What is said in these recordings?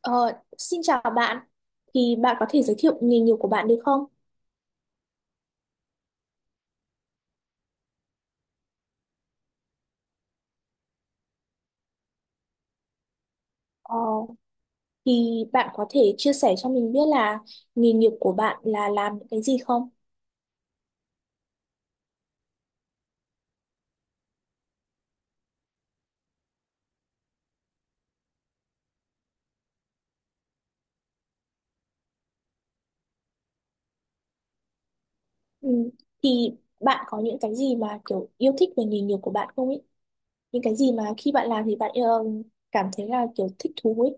Ờ, xin chào bạn, thì bạn có thể giới thiệu nghề nghiệp của bạn được không? Ờ, thì bạn có thể chia sẻ cho mình biết là nghề nghiệp của bạn là làm những cái gì không? Ừ. Thì bạn có những cái gì mà kiểu yêu thích về nghề nghiệp của bạn không ấy? Những cái gì mà khi bạn làm thì bạn cảm thấy là kiểu thích thú ấy?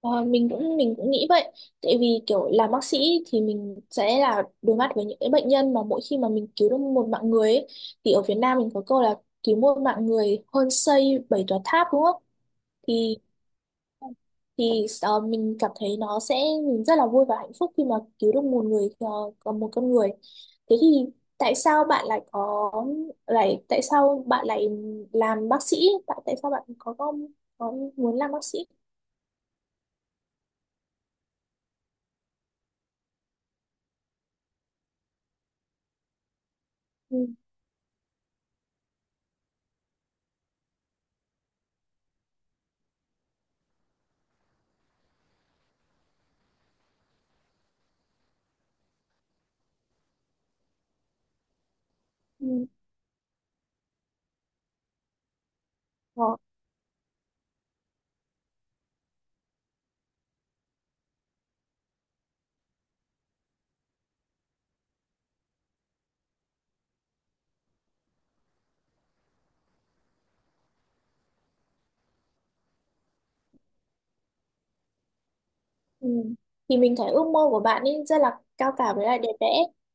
Ờ, mình cũng nghĩ vậy, tại vì kiểu làm bác sĩ thì mình sẽ là đối mặt với những cái bệnh nhân mà mỗi khi mà mình cứu được một mạng người ấy, thì ở Việt Nam mình có câu là cứu một mạng người hơn xây 7 tòa tháp, đúng không? Thì thì ờ, mình cảm thấy nó sẽ mình rất là vui và hạnh phúc khi mà cứu được một người, còn một con người. Thế thì tại sao bạn lại có lại tại sao bạn lại làm bác sĩ, tại tại sao bạn có muốn làm bác sĩ? Ừ. Ừ. Ờ. Ừ. Thì mình thấy ước mơ của bạn ấy rất là cao cả với lại đẹp đẽ,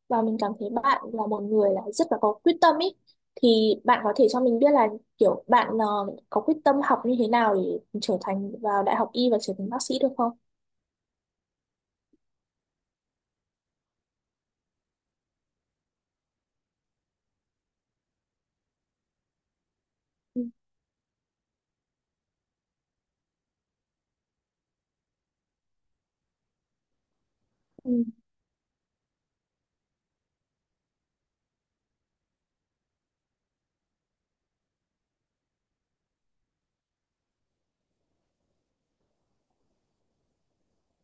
và mình cảm thấy bạn là một người là rất là có quyết tâm ấy. Thì bạn có thể cho mình biết là kiểu bạn có quyết tâm học như thế nào để trở thành vào đại học y và trở thành bác sĩ được không? Ừ. Ừ.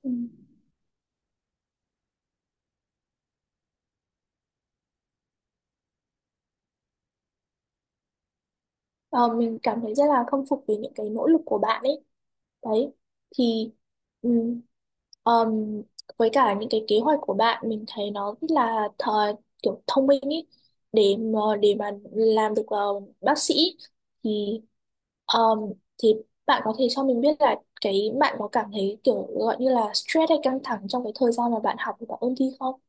Ừ. Ờ, mình cảm thấy rất là khâm phục về những cái nỗ lực của bạn ấy đấy. Thì ừ, Ờm, với cả những cái kế hoạch của bạn mình thấy nó rất là kiểu thông minh ý để mà làm được bác sĩ. Thì ờm, thì bạn có thể cho mình biết là cái bạn có cảm thấy kiểu gọi như là stress hay căng thẳng trong cái thời gian mà bạn học và ôn thi không?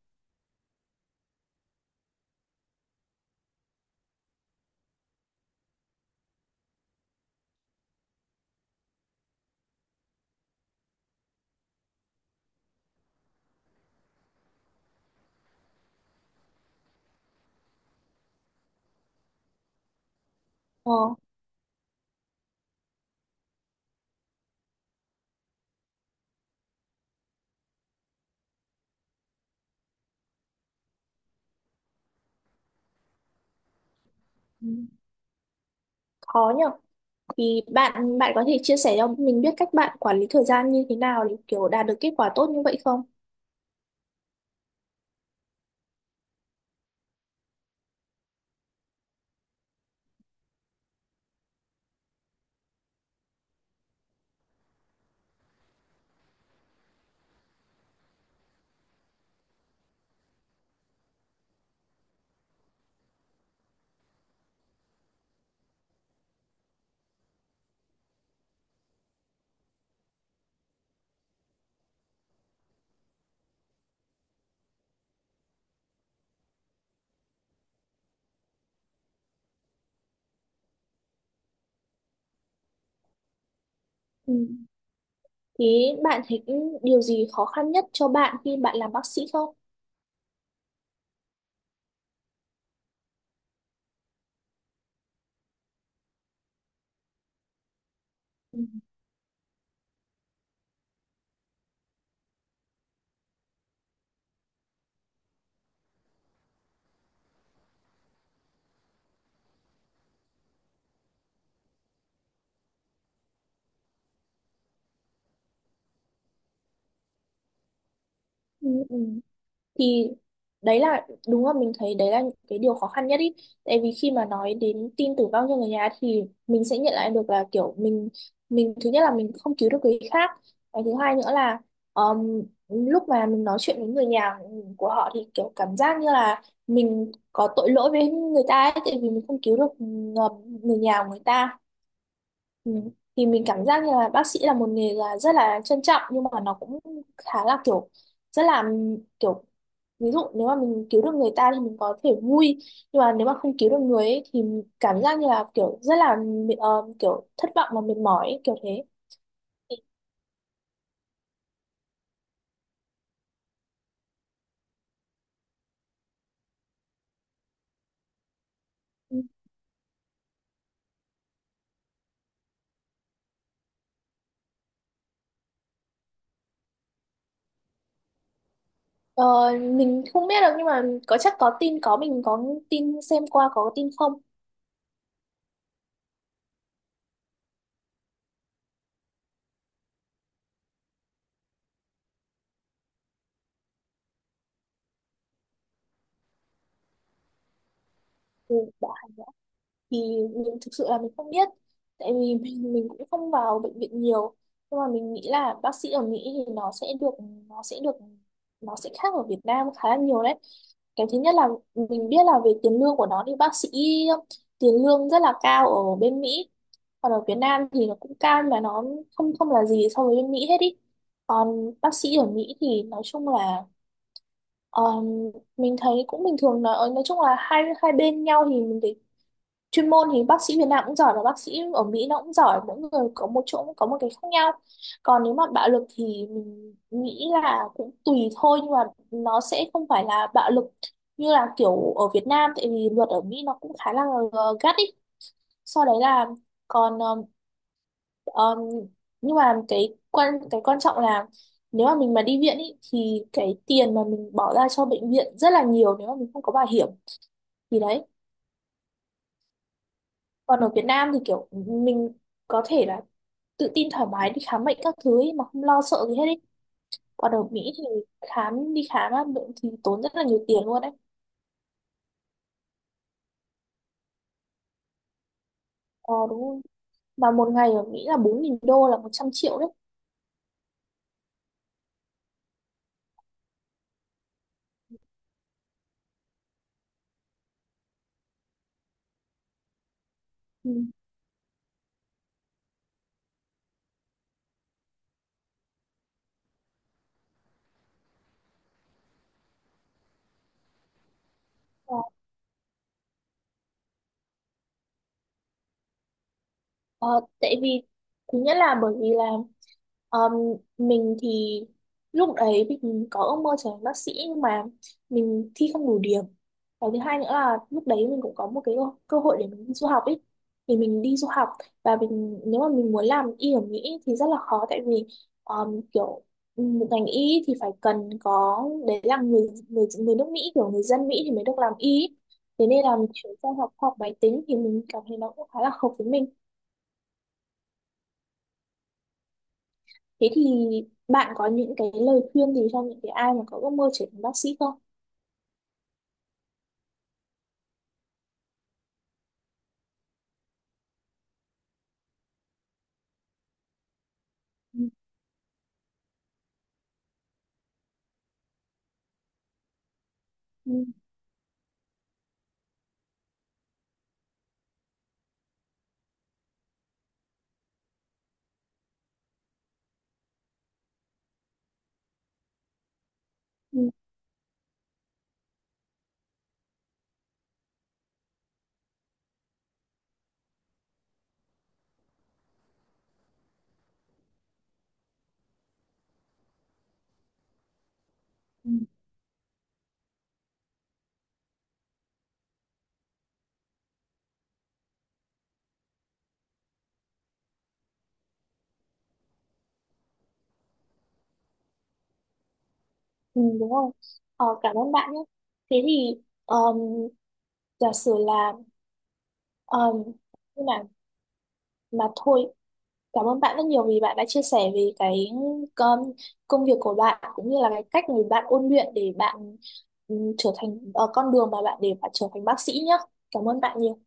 Ờ, ừ, khó nhở. Thì bạn bạn có thể chia sẻ cho mình biết cách bạn quản lý thời gian như thế nào để kiểu đạt được kết quả tốt như vậy không? Ừ. Thế bạn thấy điều gì khó khăn nhất cho bạn khi bạn làm bác sĩ không? Ừ. Ừ, ừ. Thì đấy là đúng là mình thấy đấy là những cái điều khó khăn nhất ý. Tại vì khi mà nói đến tin tử vong cho người nhà thì mình sẽ nhận lại được là kiểu mình thứ nhất là mình không cứu được người khác. Cái thứ hai nữa là um, lúc mà mình nói chuyện với người nhà của họ thì kiểu cảm giác như là mình có tội lỗi với người ta ấy, tại vì mình không cứu được người nhà của người ta. Ừ. Thì mình cảm giác như là bác sĩ là một nghề là rất là trân trọng, nhưng mà nó cũng khá là kiểu rất là kiểu, ví dụ nếu mà mình cứu được người ta thì mình có thể vui, nhưng mà nếu mà không cứu được người ấy, thì cảm giác như là kiểu rất là kiểu thất vọng và mệt mỏi ấy, kiểu thế. Ờ, mình không biết được, nhưng mà có chắc có tin, có mình có tin xem qua, có tin không? Ừ, bảo hành. Thì mình thực sự là mình không biết tại vì mình cũng không vào bệnh viện nhiều, nhưng mà mình nghĩ là bác sĩ ở Mỹ thì nó sẽ được nó sẽ khác ở Việt Nam khá là nhiều đấy. Cái thứ nhất là mình biết là về tiền lương của nó thì bác sĩ tiền lương rất là cao ở bên Mỹ, còn ở Việt Nam thì nó cũng cao nhưng mà nó không không là gì so với bên Mỹ hết ý. Còn bác sĩ ở Mỹ thì nói chung là ờ, mình thấy cũng bình thường, nói chung là hai hai bên nhau thì mình thấy chuyên môn thì bác sĩ Việt Nam cũng giỏi và bác sĩ ở Mỹ nó cũng giỏi, mỗi người có một chỗ có một cái khác nhau. Còn nếu mà bạo lực thì mình nghĩ là cũng tùy thôi, nhưng mà nó sẽ không phải là bạo lực như là kiểu ở Việt Nam tại vì luật ở Mỹ nó cũng khá là gắt ý. Sau đấy là còn ờm, nhưng mà cái quan trọng là nếu mà mình mà đi viện ý, thì cái tiền mà mình bỏ ra cho bệnh viện rất là nhiều nếu mà mình không có bảo hiểm, thì đấy. Còn ở Việt Nam thì kiểu mình có thể là tự tin thoải mái đi khám bệnh các thứ ấy mà không lo sợ gì hết ấy. Còn ở Mỹ thì khám đi khám á, bệnh thì tốn rất là nhiều tiền luôn đấy. Ờ đúng rồi. Mà một ngày ở Mỹ là 4.000 đô là 100 triệu đấy. Ừ. Ờ, ờ, tại vì thứ nhất là bởi vì là ờm, mình thì lúc đấy mình có ước mơ trở thành bác sĩ, nhưng mà mình thi không đủ điểm. Cái thứ hai nữa là lúc đấy mình cũng có một cái cơ hội để mình đi du học ấy. Thì mình đi du học, và mình nếu mà mình muốn làm y ở Mỹ thì rất là khó tại vì kiểu một ngành y thì phải cần có đấy là người người người nước Mỹ, kiểu người dân Mỹ thì mới được làm y ấy. Thế nên là mình chuyển sang học khoa học máy tính thì mình cảm thấy nó cũng khá là hợp với mình. Thế thì bạn có những cái lời khuyên gì cho những cái ai mà có ước mơ trở thành bác sĩ không? Ừ, ừ, ừ. Ừ, đúng rồi. Ờ, cảm ơn bạn nhé. Thế thì um, giả sử là um, nhưng mà thôi, cảm ơn bạn rất nhiều vì bạn đã chia sẻ về cái um, công việc của bạn cũng như là cái cách mà bạn ôn luyện để bạn con đường mà bạn để bạn trở thành bác sĩ nhé. Cảm ơn bạn nhiều.